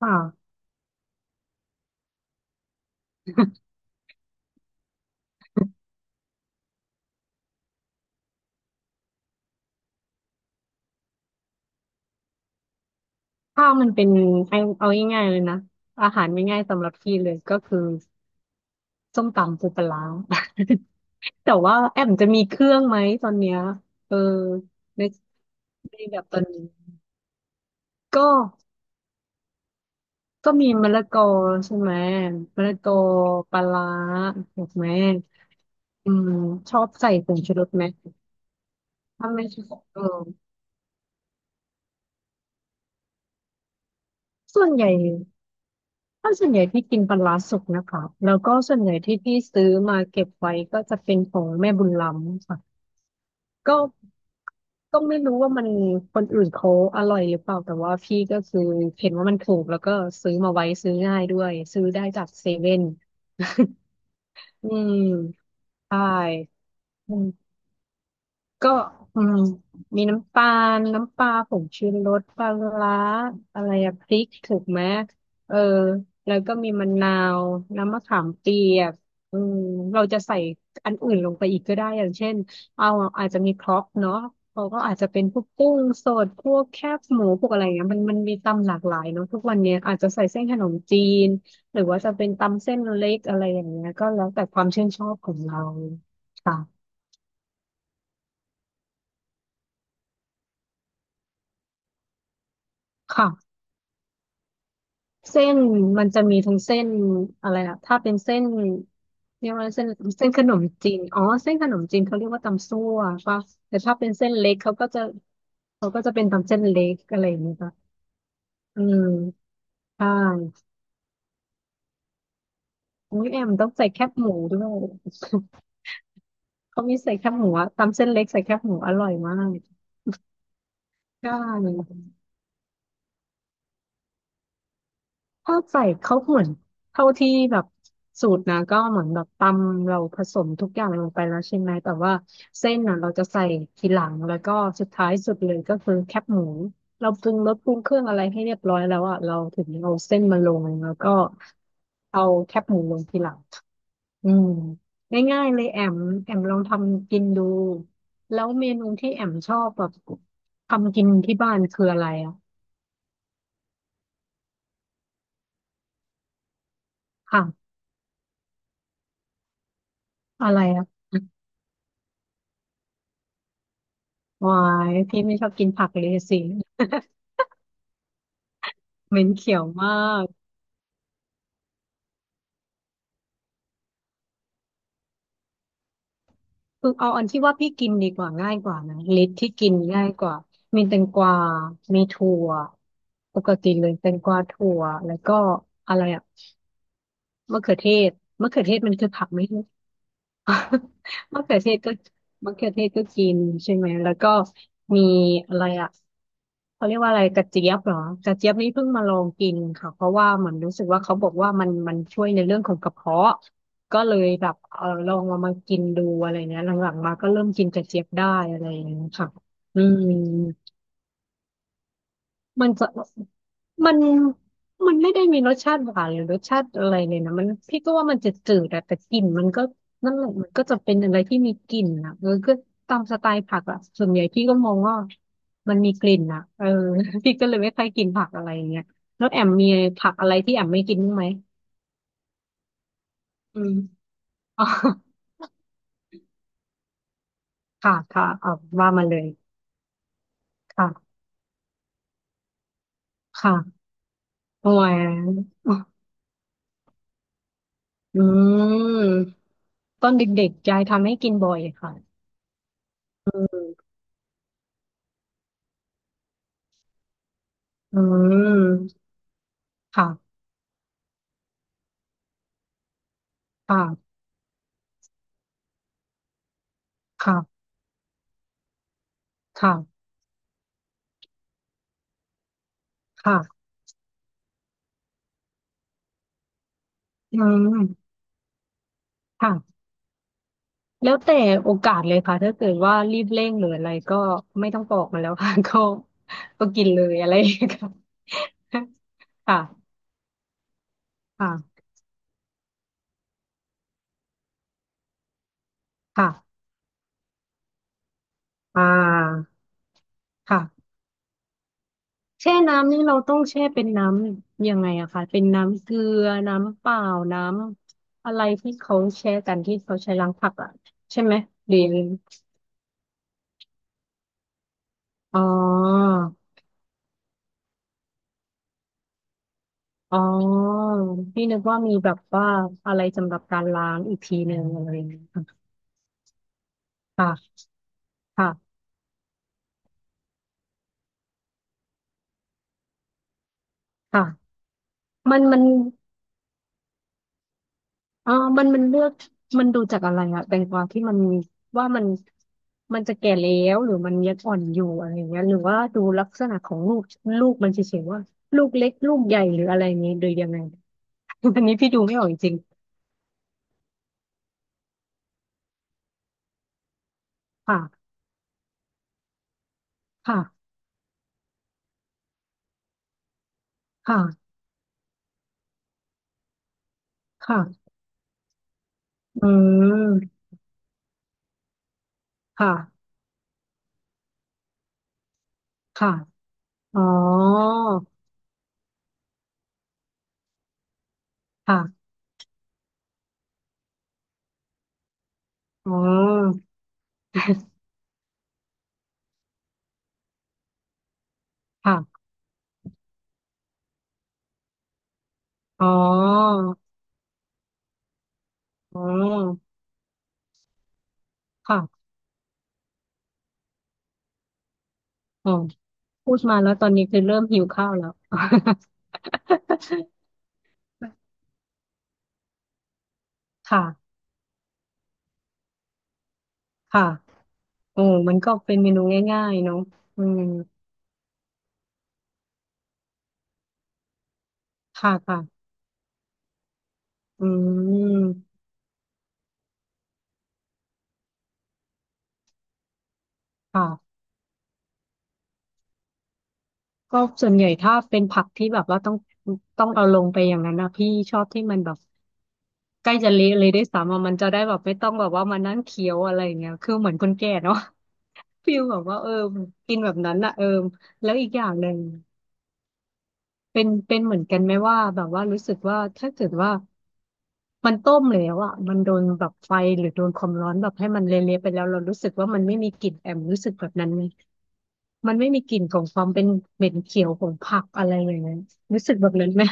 ค่ะข้าวมันเป็นเอาง่ายๆเลยนะอาหารง่ายๆสำหรับพี่เลยก็คือส้มตำปูปลาร้า แต่ว่าแอมจะมีเครื่องไหมตอนเนี้ยเออในแบบตอนนี้ก็ก็มีมะละกอใช่ไหมมะละกอปลาร้าถูกไหมอืมชอบใส่ผงชูรสไหมถ้าไม่ชอบส่วนใหญ่ถ้าส่วนใหญ่พี่กินปลาร้าสุกนะคะแล้วก็ส่วนใหญ่ที่พี่ซื้อมาเก็บไว้ก็จะเป็นของแม่บุญล้ำค่ะก็ ก็ไม่รู้ว่ามันคนอื่นเขาอร่อยหรือเปล่าแต่ว่าพี่ก็คือเห็นว่ามันถูกแล้วก็ซื้อมาไว้ซื้อง่ายด้วยซื้อได้จากเซเว่นอืมใช่ ก็อืมมีน้ำตาลน้ำปลาผงชูรสปลาร้าอะไรอะพริกถูกไหมเออแล้วก็มีมะนาวน้ำมะขามเปียกอืมเราจะใส่อันอื่นลงไปอีกก็ได้อย่างเช่นเอาอาจจะมีครกเนาะเราก็อาจจะเป็นพวกกุ้งสดพวกแคบหมูพวกอะไรเงี้ยมันมีตำหลากหลายเนาะทุกวันเนี้ยอาจจะใส่เส้นขนมจีนหรือว่าจะเป็นตำเส้นเล็กอะไรอย่างเงี้ยก็แล้วแต่ความชื่นชอบของเราค่ะค่ะ เส้นมันจะมีทั้งเส้นอะไรนะถ้าเป็นเส้นเรียกว่าเส้นขนมจีนอ๋อเส้นขนมจีนเขาเรียกว่าตำซั่วป่ะแต่ถ้าเป็นเส้นเล็กเขาก็จะเป็นตำเส้นเล็กอะไรอย่างเงี้ยป่ะอืมใช่อุ้ยแอมต้องใส่แคบหมูด้วยเขามีใส่แคบหมูอะตำเส้นเล็กใส่แคบหมูอร่อยมากใช่ ถ้าใส่เขาเหมือนเท่าที่แบบสูตรนะก็เหมือนแบบตำเราผสมทุกอย่างลงไปแล้วใช่ไหมแต่ว่าเส้นน่ะเราจะใส่ทีหลังแล้วก็สุดท้ายสุดเลยก็คือแคบหมูเราปรุงรสปรุงเครื่องอะไรให้เรียบร้อยแล้วอ่ะเราถึงเอาเส้นมาลงแล้วก็เอาแคบหมูลงทีหลังอืมง่ายๆเลยแอมแอมลองทำกินดูแล้วเมนูที่แอมชอบแบบทำกินที่บ้านคืออะไรอ่ะค่ะอะไรอะ วายพี่ไม่ชอบกินผักเลยสิเหม็นเขียวมากคือเอาอันที่ว่าพี่กินดีกว่าง่ายกว่านะลิตที่กินง่ายกว่ามีแตงกวามีถั่วปกติเลยแตงกวาถั่วแล้วก็อะไรอะมะเขือเทศมะเขือเทศมันคือผักไหมรู้ มะเขือเทศก็มะเขือเทศก็กินใช่ไหมแล้วก็มีอะไรอะ เขาเรียกว่าอะไรกระเจี๊ยบเหรอกระเจี๊ยบนี่เพิ่งมาลองกินค่ะเพราะว่าเหมือนรู้สึกว่าเขาบอกว่ามันช่วยในเรื่องของกระเพาะก็เลยแบบเออลองเอามากินดูอะไรเงี้ยหลังๆมาก็เริ่มกินกระเจี๊ยบได้อะไรอย่างเงี้ยค่ะอืม มันจะมันมันไม่ได้มีรสชาติหวานหรือรสชาติอะไรเลยนะมันพี่ก็ว่ามันจะจืดๆอะแต่กลิ่นมันก็นั่นแหละมันก็จะเป็นอะไรที่มีกลิ่นอะก็ตามสไตล์ผักอะส่วนใหญ่พี่ก็มองว่ามันมีกลิ่นอะ พี่ก็เลยไม่ค่อยกินผักอะไรอย่างเงี้ยแล้วแอมมีผักอะไรที่แอมไม่กินบ้างไหมอืมอ๋อค่ะเอาว่ามาเลยค่ะค่ะโอ้ยอืมตอนเด็กๆยายทำให้กินบ่อยค่ะ อืมค่ะค่ะค่ะค่ะค่ะอืมค่ะแล้วแต่โอกาสเลยค่ะถ้าเกิดว่ารีบเร่งหรืออะไรก็ไม่ต้องปอกมันแล้วค่ะ ก็กินเลยอะไรอย่างเงี้ยค่ะ ค่ะค่ะค่ะอ่าค่ะแช่น้ำนี่เราต้องแช่เป็นน้ำยังไงอะคะเป็นน้ำเกลือน้ำเปล่าน้ำอะไรที่เขาแช่กันที่เขาใช้ล้างผักอะใช่ไหมหรือยังไงอ๋อ อ๋อพี่นึกว่ามีแบบว่าอะไรสำหรับการล้างอีกทีหนึ่งอะไรอย่างเงี้ยค่ะค่ะค่ะมันอ๋อมันเลือกมันดูจากอะไรอะแตงกวาที่มันว่ามันมันจะแก่แล้วหรือมันยังอ่อนอยู่อะไรอย่างเงี้ยหรือว่าดูลักษณะของลูกมันเฉยๆว่าลูกเล็กลูกใหญ่หรืออะไรอย่างเงี้ยโดยยังไง อันนี้พี่ดูไม่ออกจริงๆค่ะค่ะค่ะอืมค่ะค่ะอ๋อค่ะอ๋อค่ะ อ๋ออ๋อค่ะอ๋อพูดมาแล้วตอนนี้คือเริ่มหิวข้าวแล้ว ค่ะค่ะโอ้มันก็เป็นเมนูง่ายๆเนาะอืมค่ะค่ะอืมค่ะก็ส่วนใหญ่ถ้าเป็นผักที่แบบว่าต้องเอาลงไปอย่างนั้นนะพี่ชอบที่มันแบบใกล้จะเละเลยด้วยซ้ำอะมันจะได้แบบไม่ต้องแบบว่ามานั่งเคี้ยวอะไรอย่างเงี้ยคือเหมือนคนแก่เนาะ ฟิลแบบว่าเออกินแบบนั้นอะเออแล้วอีกอย่างหนึ่ง เป็นเหมือนกันไหมว่าแบบว่ารู้สึกว่าถ้าเกิดว่ามันต้มแล้วอ่ะมันโดนแบบไฟหรือโดนความร้อนแบบให้มันเละๆไปแล้วเรารู้สึกว่ามันไม่มีกลิ่นแอมรู้สึกแบบนั้นไหมมันไม่มีกลิ่นของความเป็นเหม็นเขียวของผักอะไรอย่างเงี้ยรู้สึกแบบนั้นไหม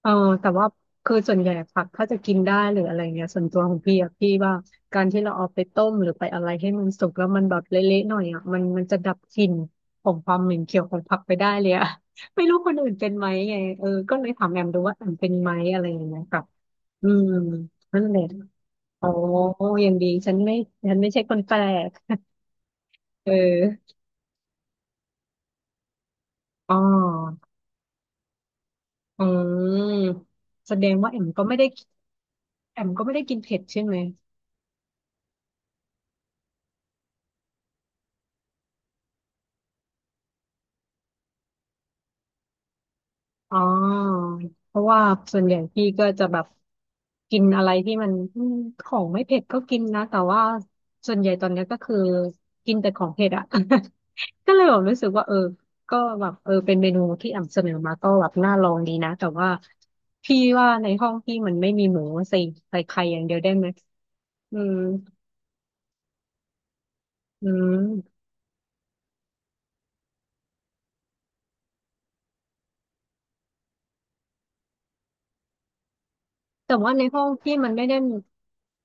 เออแต่ว่าคือส่วนใหญ่ผักถ้าจะกินได้หรืออะไรเงี้ยส่วนตัวของพี่อะพี่ว่าการที่เราเอาไปต้มหรือไปอะไรให้มันสุกแล้วมันแบบเละๆหน่อยอะมันจะดับกลิ่นของความเหม็นเขียวของผักไปได้เลยอะ ไม่รู้คนอื่นเป็นไหมไงเออก็เลยถามแอมดูว่าแอมเป็นไหมอะไรอย่างเงี้ยค่ะอืมนั่นแหละอ๋อยังดีฉันไม่ฉันไม่ใช่คนแปลกเอออ๋ออืมแสดงว่าแอมก็ไม่ได้กินเผ็ดใช่ไหม อ๋อเพราะว่าส่วนใหญ่พี่ก็จะแบบกินอะไรที่มันอืมของไม่เผ็ดก็กินนะแต่ว่าส่วนใหญ่ตอนเนี้ยก็คือกินแต่ของเผ็ดอะ ก็เลยแบบรู้สึกว่าเออก็แบบเออเป็นเมนูที่อ่ำเสนอมาก็แบบน่าลองดีนะแต่ว่าพี่ว่าในห้องพี่มันไม่มีหมูใส่ใส่ไข่อย่างเดียวได้ไหมอืมอืม แต่ว่าในห้องพี่มันไม่ได้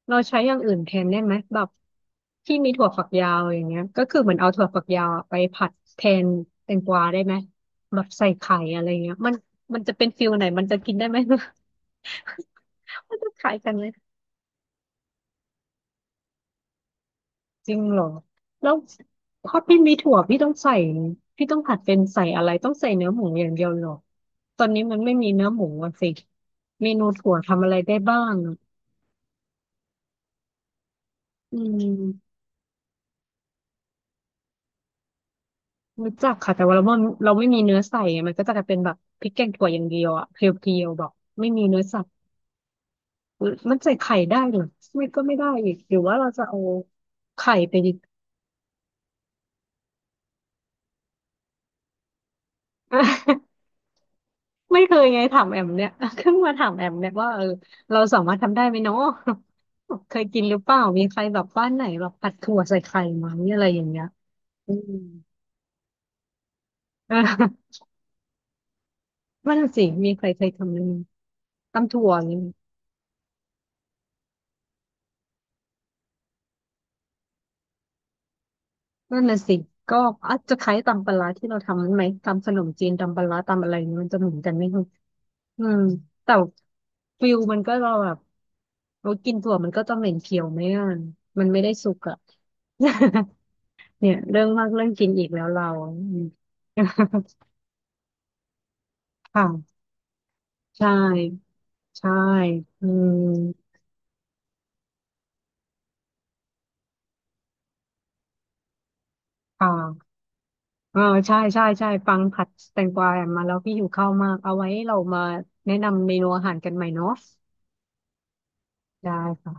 เราใช้อย่างอื่นแทนได้ไหมแบบที่มีถั่วฝักยาวอย่างเงี้ยก็คือเหมือนเอาถั่วฝักยาวอะไปผัดแทนแตงกวาได้ไหมแบบใส่ไข่อะไรเงี้ยมันจะเป็นฟิลไหนมันจะกินได้ไหม มันจะขายกันไหมจริงเหรอแล้วพอพี่มีถั่วพี่ต้องใส่พี่ต้องผัดเป็นใส่อะไรต้องใส่เนื้อหมูอย่างเดียวเหรอตอนนี้มันไม่มีเนื้อหมูอะสิเมนูถั่วทำอะไรได้บ้างอะอืม รู้จักค่ะแต่ว่าเราไม่มีเนื้อใส่ไงมันก็จะกลายเป็นแบบพริกแกงถั่วอย่างเดียวอะเพียวๆแบบไม่มีเนื้อสัตว์มันใส่ไข่ได้เหรือไม่ก็ไม่ได้อีกหรือว่าเราจะเอาไข่ไปดิ ไม่เคยไงถามแอมเนี่ย เพิ่งมาถามแอมเนี่ยว่าเออเราสามารถทำได้ไหมเนาะ เคยกินหรือเปล่ามีใครแบบบ้านไหนแบบผัดถั่วใส่ไข่ไหมอะไรอย่างเงี้ยอืม เออนั่นสิมีใครเคยทำไหมตำถั่วอย่างเี้ย นั่นน่ะสิก็อาจจะคล้ายตำปลาร้าที่เราทำนั้นไหมตำขนมจีนตำปลาร้าตำอะไรนี่มันจะเหมือนกันไหมคุณอืมแต่ฟิลมันก็เราแบบเรากินถั่วมันก็จะเหม็นเขียวไหมอ่ะมันไม่ได้สุกอ่ะ เนี่ยเรื่องมากเรื่องกินอีกแล้วเราอืม ค่ะใช่ใช่อืมค่ะเออใช่ใช่ใช่ฟังผัดแตงกวามาแล้วพี่หิวข้าวมากเอาไว้เรามาแนะนำเมนูอาหารกันใหม่เนาะได้ค่ะ